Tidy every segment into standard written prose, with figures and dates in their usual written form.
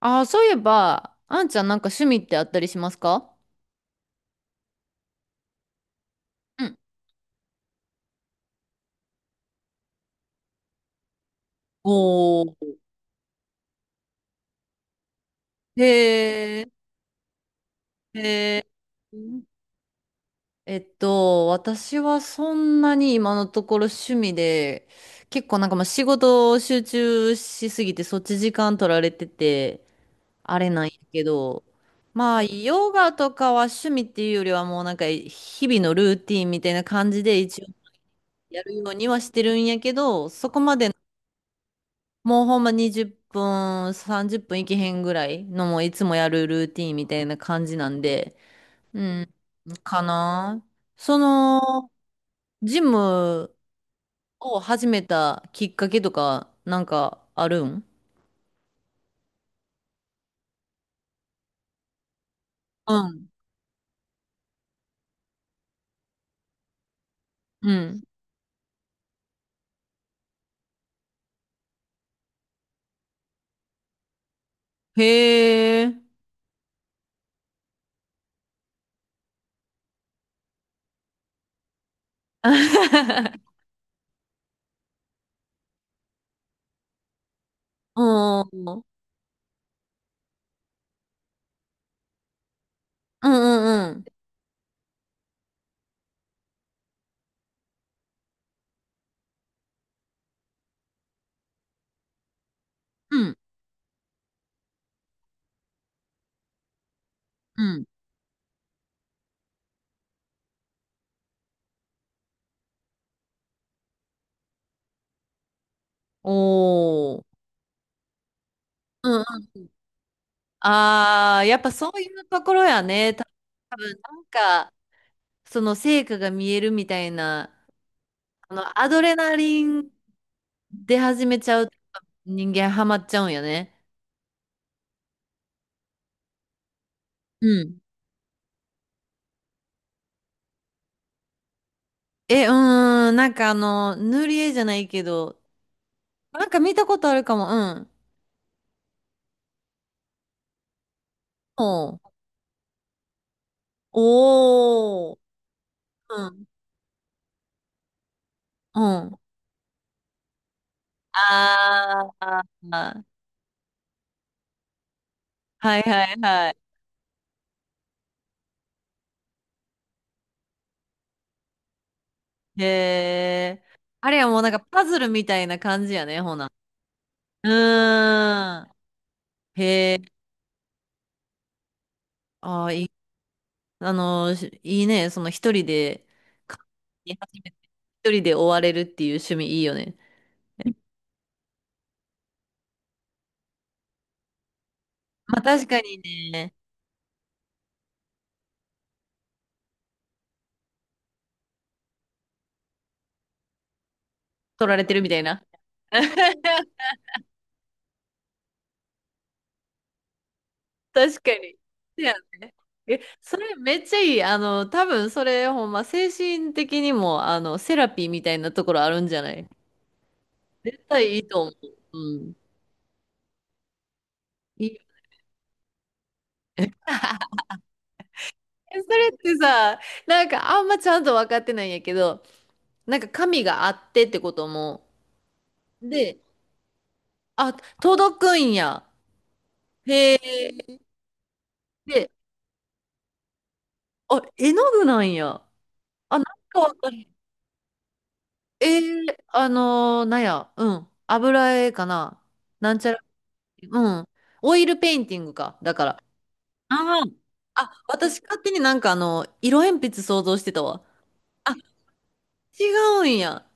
ああ、そういえば、あんちゃんなんか趣味ってあったりしますか。うん。おー。へえ。へー、私はそんなに今のところ趣味で、結構なんかまあ仕事を集中しすぎてそっち時間取られてて、あれなんやけど、まあヨガとかは趣味っていうよりはもうなんか日々のルーティンみたいな感じで一応やるようにはしてるんやけど、そこまでもうほんま20分、30分いけへんぐらいのもういつもやるルーティンみたいな感じなんで、うん、かな。その、ジムを始めたきっかけとか、なんかあるん？うん。うん。へえ。おー。うんうんうん。うん。うん。おー。うんうん。ああー、やっぱそういうところやね。多分なんか、その成果が見えるみたいな、あの、アドレナリン出始めちゃうと人間ハマっちゃうんよね。うん。え、うーん、なんかあの、塗り絵じゃないけど、なんか見たことあるかも、うん。おう。おー、うん、うん。あー、はいはいはい。へえ。あれはもうなんかパズルみたいな感じやね、ほな。うーん。へえ。ああいい、あの、しいいね。その一人で、か初めて一人で追われるっていう趣味いいよね。まあ確かに、ね、取られてるみたいな。確かに。そうやね。え、それめっちゃいい。あの、多分それほんま精神的にも、あの、セラピーみたいなところあるんじゃない？絶対いいと思う。うん。いい。え、それってさ、なんかあんまちゃんと分かってないんやけど、なんか神があってってことも、で、あ、届くんや。へえ。で、あ、絵の具なんや。あ、なんかわかる。えー、なんや、うん。油絵かな。なんちゃら、うん。オイルペインティングか。だから。あー、あ、私勝手になんかあの、色鉛筆想像してたわ。あ、違うんや。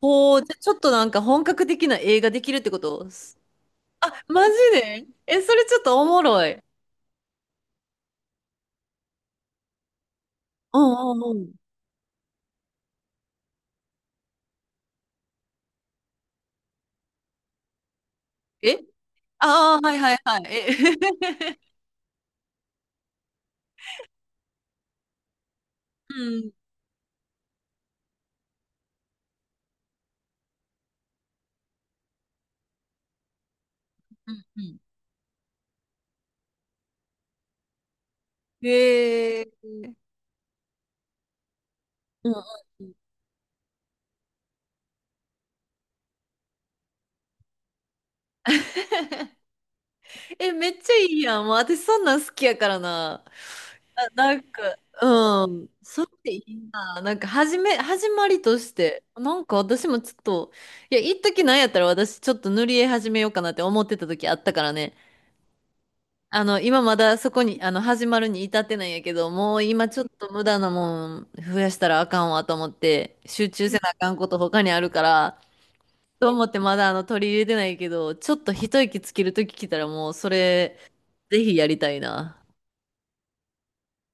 ほう、じゃ、ちょっとなんか本格的な映画できるってこと？あ、マジでえ、それちょっとおもろい。うんうんうん。え、ああー、はいはいはい。え うんうんうん。へえ。うんうんうん。 え、めっちゃいいやん。もう私そんなん好きやからな。あ、なんか、うん。それでいいな。なんか、始め、始まりとして、なんか私もちょっと、いや、一時なんやったら私ちょっと塗り絵始めようかなって思ってた時あったからね。あの、今まだそこに、あの、始まるに至ってないんやけど、もう今ちょっと無駄なもん増やしたらあかんわと思って、集中せなあかんこと他にあるから、と思ってまだあの取り入れてないけど、ちょっと一息つけるとき来たらもうそれ、ぜひやりたいな。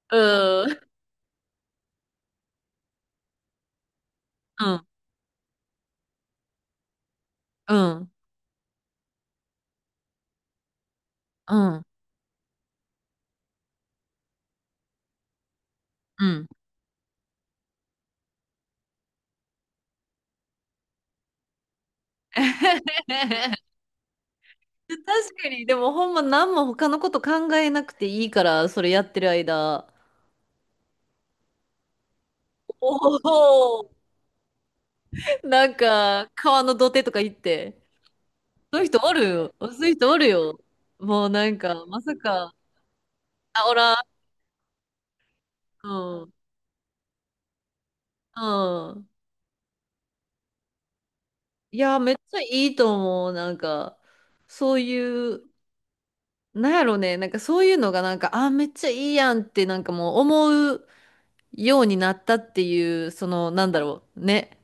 うん。うん、うん、うん、うん。確かに、でもほんま何も他のこと考えなくていいから、それやってる間。お、お、なんか、川の土手とか行って、そういう人おるよ。そういう人おるよ。もうなんか、まさか、あ、おらん、うん、うん。いや、めっちゃいいと思う。なんか、そういう、なんやろね、なんかそういうのがなんか、あ、めっちゃいいやんって、なんかもう思うようになったっていう、その、なんだろう、ね、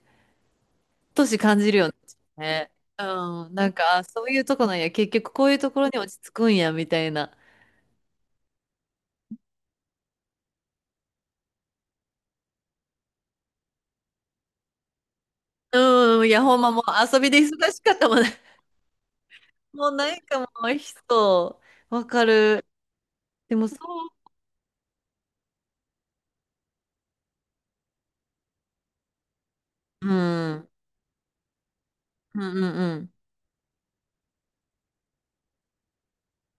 年感じるよね。ね、うん、なんか、あ、そういうとこなんや、結局こういうところに落ち着くんや、みたいな。うん、いや、ほんまもう遊びで忙しかったもんね。もうなんかもう人、わかる。でもそう、うん、うんうん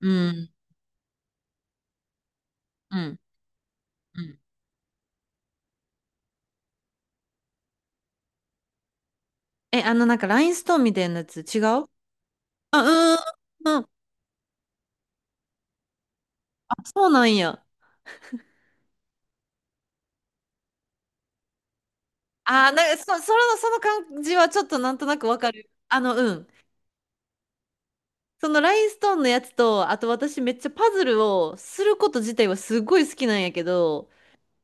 うん、うん、うん、うん。え、あの、なんか、ラインストーンみたいなやつ、違う？あ、うーん、うん。あ、そうなんや。あー、なんか、そ、その、その感じはちょっとなんとなくわかる。あの、うん。そのラインストーンのやつと、あと私めっちゃパズルをすること自体はすごい好きなんやけど、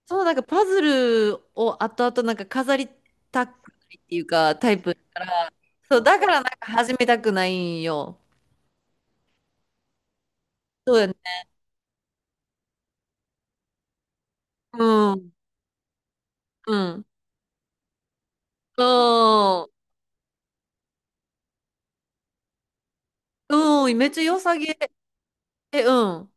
そのなんかパズルを後々なんか飾りたくないっていうか、タイプ。そう、だからなんか始めたくないんよ。そうやね。うん、うん。うん。うん、めっちゃ良さげ。え、うん。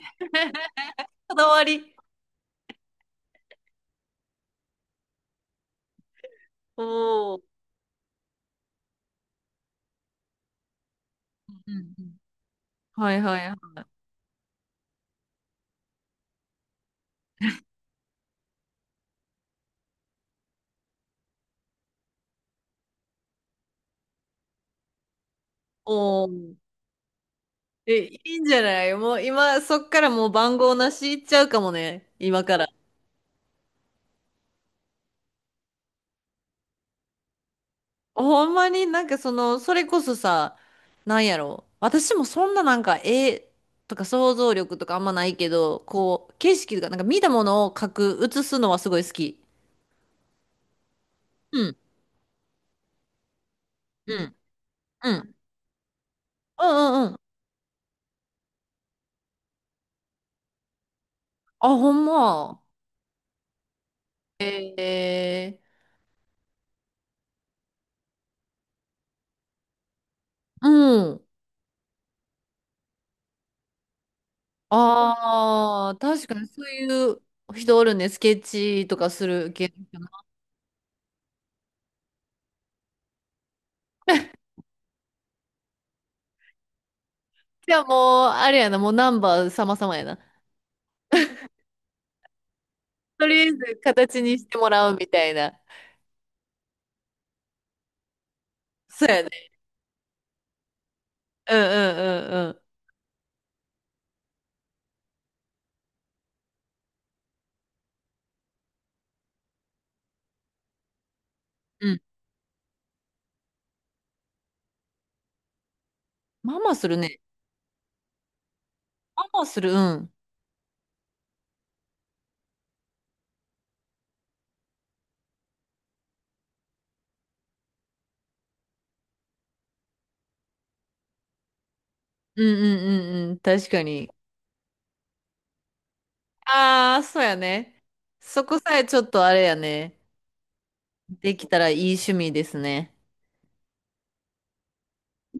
こだわり。おー。うんうん。はいはいはい。おー。え、いいんじゃない？もう今、そっからもう番号なしいっちゃうかもね。今から。ほんまになんかその、それこそさ、なんやろう私もそんななんか絵とか想像力とかあんまないけど、こう、景色とか、なんか見たものを描く、写すのはすごい好き。うん、うん、うん。うんうんうん。あ、ほんま。えー、うん。ああ、確かにそういう人おるね。スケッチとかする系の人な。じゃあもう、あれやな、もうナンバー様々やな。とりあえず形にしてもらうみたいな。そうやね。うんうんうんうん。うん。ママするね。ママする、うん。うんうんうんうん。確かに。ああ、そうやね。そこさえちょっとあれやね。できたらいい趣味ですね。